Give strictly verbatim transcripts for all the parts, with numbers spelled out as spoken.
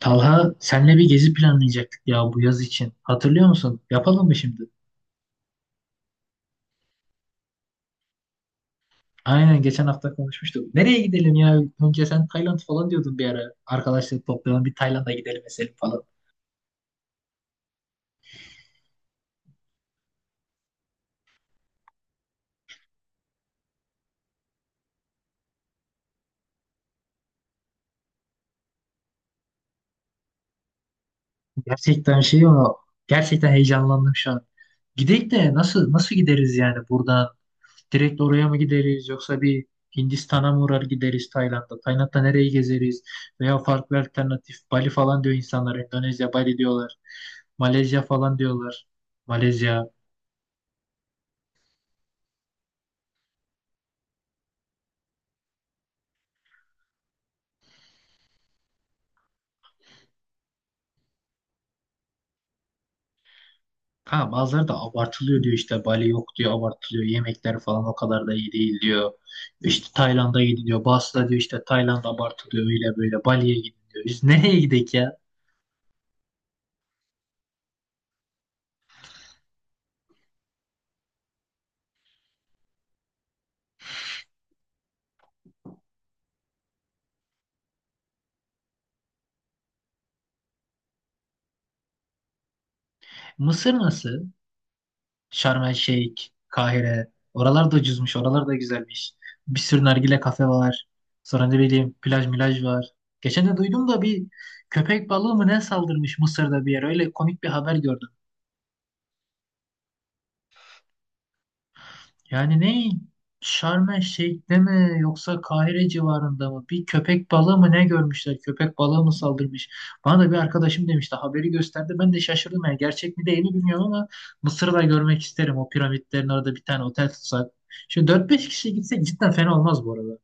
Talha senle bir gezi planlayacaktık ya bu yaz için. Hatırlıyor musun? Yapalım mı şimdi? Aynen geçen hafta konuşmuştuk. Nereye gidelim ya? Önce sen Tayland falan diyordun bir ara. Arkadaşları toplayalım bir Tayland'a gidelim mesela falan. Gerçekten şey ama gerçekten heyecanlandım şu an. Gidelim de nasıl nasıl gideriz yani buradan? Direkt oraya mı gideriz yoksa bir Hindistan'a mı uğrar gideriz Tayland'da? Tayland'da nereyi gezeriz? Veya farklı alternatif Bali falan diyor insanlar. Endonezya, Bali diyorlar. Malezya falan diyorlar. Malezya. Kanka bazıları da abartılıyor diyor işte Bali yok diyor abartılıyor yemekler falan o kadar da iyi değil diyor. İşte Tayland'a gidin diyor. Bazısı da diyor işte Tayland abartılıyor öyle böyle Bali'ye gidin diyor. Biz nereye gidek ya? Mısır nasıl? Şarm El Şeyh, Kahire. Oralar da ucuzmuş, oralar da güzelmiş. Bir sürü nargile kafe var. Sonra ne bileyim plaj milaj var. Geçen de duydum da bir köpek balığı mı ne saldırmış Mısır'da bir yere. Öyle komik bir haber gördüm. Yani ne? Şarm El Şeyh'te mi yoksa Kahire civarında mı? Bir köpek balığı mı ne görmüşler? Köpek balığı mı saldırmış? Bana da bir arkadaşım demişti. Haberi gösterdi. Ben de şaşırdım. Yani gerçek mi değil mi bilmiyorum ama Mısır'ı da görmek isterim. O piramitlerin orada bir tane otel tutsak. Şimdi dört beş kişi gitsek cidden fena olmaz bu arada.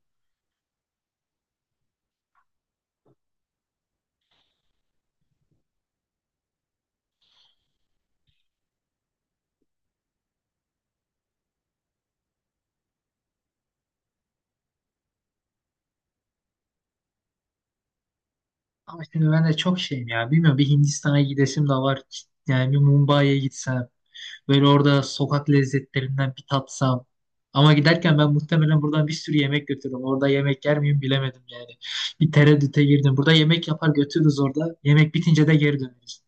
Ama şimdi ben de çok şeyim ya. Bilmiyorum bir Hindistan'a gidesim de var. Yani bir Mumbai'ye gitsem. Böyle orada sokak lezzetlerinden bir tatsam. Ama giderken ben muhtemelen buradan bir sürü yemek götürürüm. Orada yemek yer miyim bilemedim yani. Bir tereddüte girdim. Burada yemek yapar götürürüz orada. Yemek bitince de geri döneriz.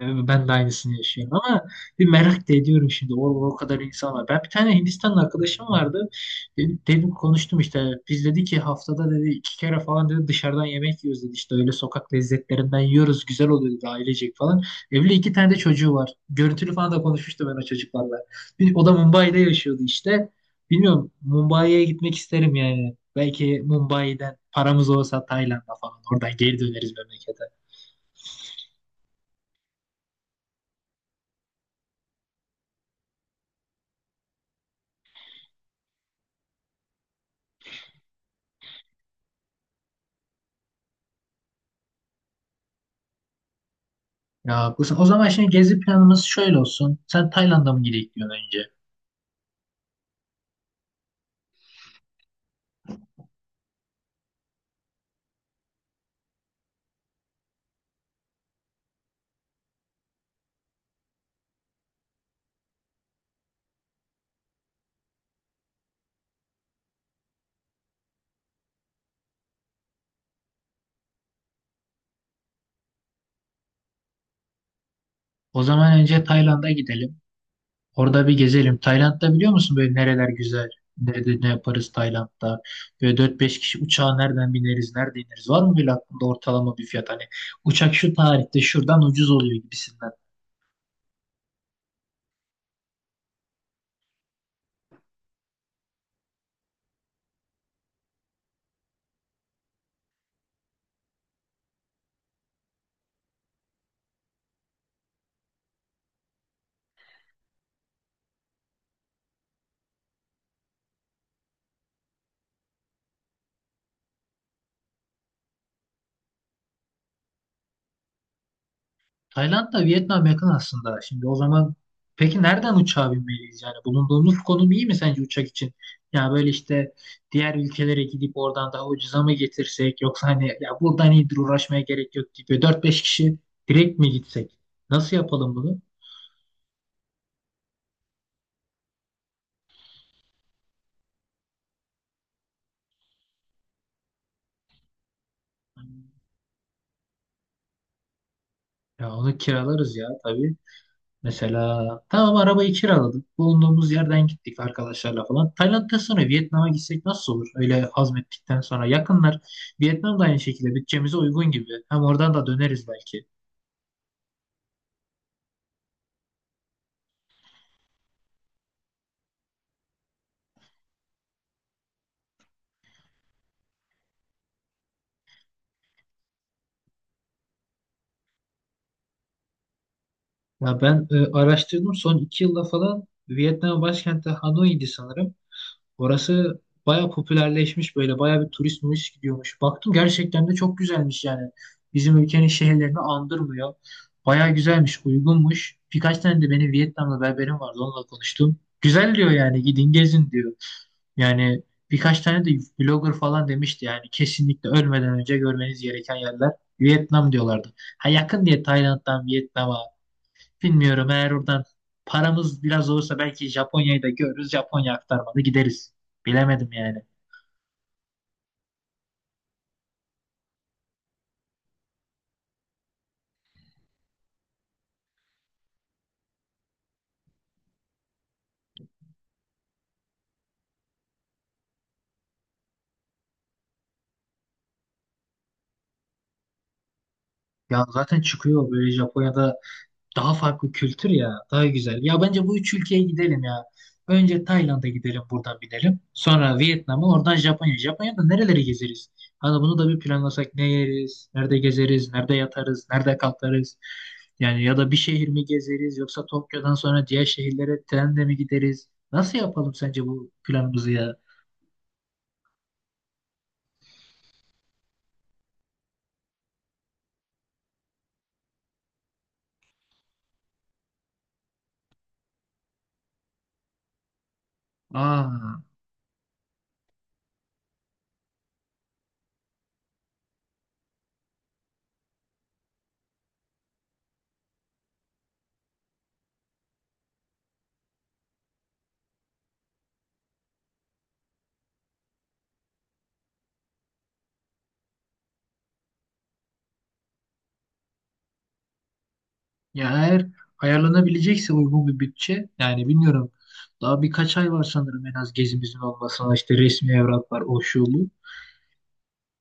Yani ben de aynısını yaşıyorum ama bir merak da ediyorum şimdi o, o kadar insan var. Ben bir tane Hindistanlı arkadaşım vardı. Dedim, dedim konuştum işte. Biz dedi ki haftada dedi iki kere falan dedi dışarıdan yemek yiyoruz dedi. İşte öyle sokak lezzetlerinden yiyoruz. Güzel oluyor dedi ailecek falan. Evli iki tane de çocuğu var. Görüntülü falan da konuşmuştum ben o çocuklarla. Bir, o da Mumbai'de yaşıyordu işte. Bilmiyorum Mumbai'ye gitmek isterim yani. Belki Mumbai'den paramız olsa Tayland'a falan oradan geri döneriz memlekete. Ya Gusten, o zaman şimdi gezi planımız şöyle olsun. Sen Tayland'a mı gidelim diyorsun önce? O zaman önce Tayland'a gidelim. Orada bir gezelim. Tayland'da biliyor musun böyle nereler güzel? Nerede ne yaparız Tayland'da? Böyle dört beş kişi uçağa nereden bineriz, nerede ineriz? Var mı böyle aklında ortalama bir fiyat? Hani uçak şu tarihte şuradan ucuz oluyor gibisinden. Tayland'la Vietnam yakın aslında. Şimdi o zaman peki nereden uçağa binmeliyiz? Yani bulunduğumuz konum iyi mi sence uçak için? Ya böyle işte diğer ülkelere gidip oradan daha ucuza mı getirsek, yoksa hani ya buradan iyidir uğraşmaya gerek yok gibi dört beş kişi direkt mi gitsek? Nasıl yapalım bunu? Ya onu kiralarız ya tabii. Mesela tamam arabayı kiraladık. Bulunduğumuz yerden gittik arkadaşlarla falan. Tayland'dan sonra Vietnam'a gitsek nasıl olur? Öyle hazmettikten sonra yakınlar. Vietnam da aynı şekilde bütçemize uygun gibi. Hem oradan da döneriz belki. Ya ben e, araştırdım son iki yılda falan. Vietnam başkenti Hanoi'ydi sanırım. Orası baya popülerleşmiş, böyle baya bir turist turist gidiyormuş. Baktım gerçekten de çok güzelmiş yani. Bizim ülkenin şehirlerini andırmıyor. Baya güzelmiş, uygunmuş. Birkaç tane de benim Vietnamlı berberim vardı, onunla konuştum. Güzel diyor yani, gidin gezin diyor. Yani birkaç tane de blogger falan demişti, yani kesinlikle ölmeden önce görmeniz gereken yerler Vietnam diyorlardı. Ha, yakın diye Tayland'dan Vietnam'a. Bilmiyorum, eğer oradan paramız biraz olursa belki Japonya'yı da görürüz. Japonya aktarmalı gideriz. Bilemedim yani. Ya zaten çıkıyor böyle Japonya'da daha farklı kültür ya. Daha güzel. Ya bence bu üç ülkeye gidelim ya. Önce Tayland'a gidelim, buradan binelim. Sonra Vietnam'a, oradan Japonya. Japonya'da nereleri gezeriz? Hani bunu da bir planlasak, ne yeriz? Nerede gezeriz? Nerede yatarız? Nerede kalkarız? Yani ya da bir şehir mi gezeriz? Yoksa Tokyo'dan sonra diğer şehirlere trenle mi gideriz? Nasıl yapalım sence bu planımızı ya? Aa, ya eğer ayarlanabilecekse uygun bir bütçe, yani bilmiyorum, daha birkaç ay var sanırım en az gezimizin olmasına, işte resmi evrak var o şu bu.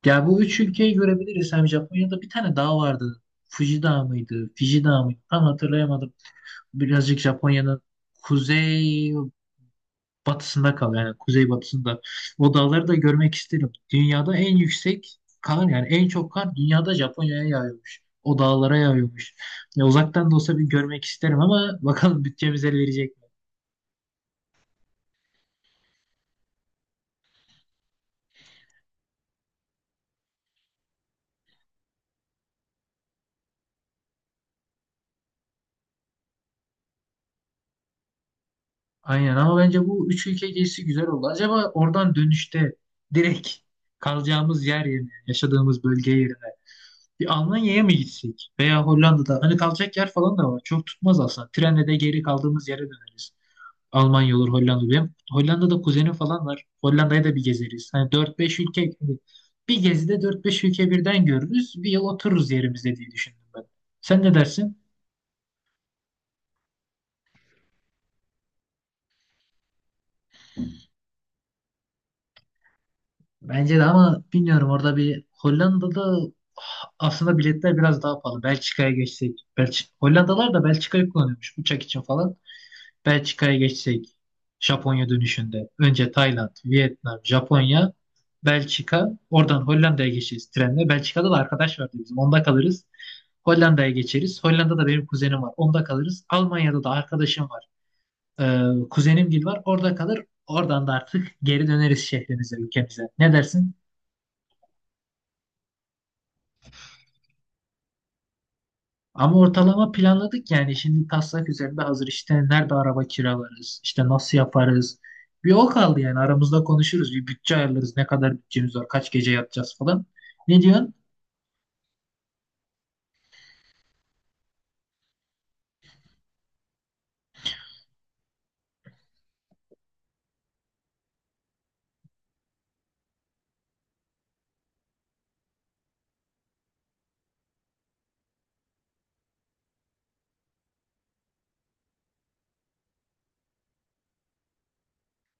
Ya bu üç ülkeyi görebiliriz. Hem Japonya'da bir tane dağ vardı. Fuji Dağı mıydı? Fiji Dağı mıydı? Tam hatırlayamadım. Birazcık Japonya'nın kuzey batısında kalıyor. Yani kuzey batısında. O dağları da görmek isterim. Dünyada en yüksek kar, yani en çok kar dünyada Japonya'ya yağıyormuş. O dağlara yağıyormuş. Ya uzaktan da olsa bir görmek isterim ama bakalım bütçemiz el verecek mi? Aynen, ama bence bu üç ülke gezisi güzel oldu. Acaba oradan dönüşte direkt kalacağımız yer yerine, yaşadığımız bölge yerine bir Almanya'ya mı gitsek? Veya Hollanda'da hani kalacak yer falan da var. Çok tutmaz aslında. Trenle de geri kaldığımız yere döneriz. Almanya olur, Hollanda. olur. Benim Hollanda'da kuzenim falan var. Hollanda'ya da bir gezeriz. Hani dört beş ülke, bir gezide dört beş ülke birden görürüz. Bir yıl otururuz yerimizde diye düşündüm ben. Sen ne dersin? Bence de, ama bilmiyorum orada bir Hollanda'da aslında biletler biraz daha pahalı. Belçika'ya geçsek. Belç Hollandalar da Belçika'yı kullanıyormuş uçak için falan. Belçika'ya geçsek. Japonya dönüşünde. Önce Tayland, Vietnam, Japonya, Belçika. Oradan Hollanda'ya geçeceğiz trenle. Belçika'da da arkadaş vardı bizim. Onda kalırız. Hollanda'ya geçeriz. Hollanda'da benim kuzenim var. Onda kalırız. Almanya'da da arkadaşım var. Ee, kuzenim gibi var. Orada kalır. Oradan da artık geri döneriz şehrimize, ülkemize. Ne dersin? Ama ortalama planladık yani. Şimdi taslak üzerinde hazır. İşte nerede araba kiralarız, İşte nasıl yaparız. Bir o kaldı, yani aramızda konuşuruz. Bir bütçe ayarlarız. Ne kadar bütçemiz var, kaç gece yatacağız falan. Ne diyorsun?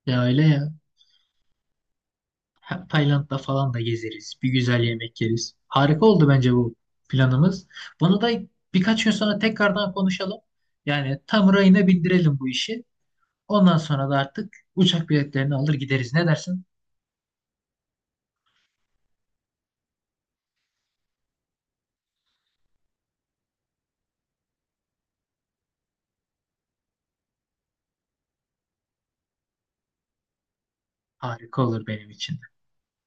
Ya öyle ya. Hem Tayland'da falan da gezeriz. Bir güzel yemek yeriz. Harika oldu bence bu planımız. Bunu da birkaç gün sonra tekrardan konuşalım. Yani tam rayına bindirelim bu işi. Ondan sonra da artık uçak biletlerini alır gideriz. Ne dersin? Harika olur benim için.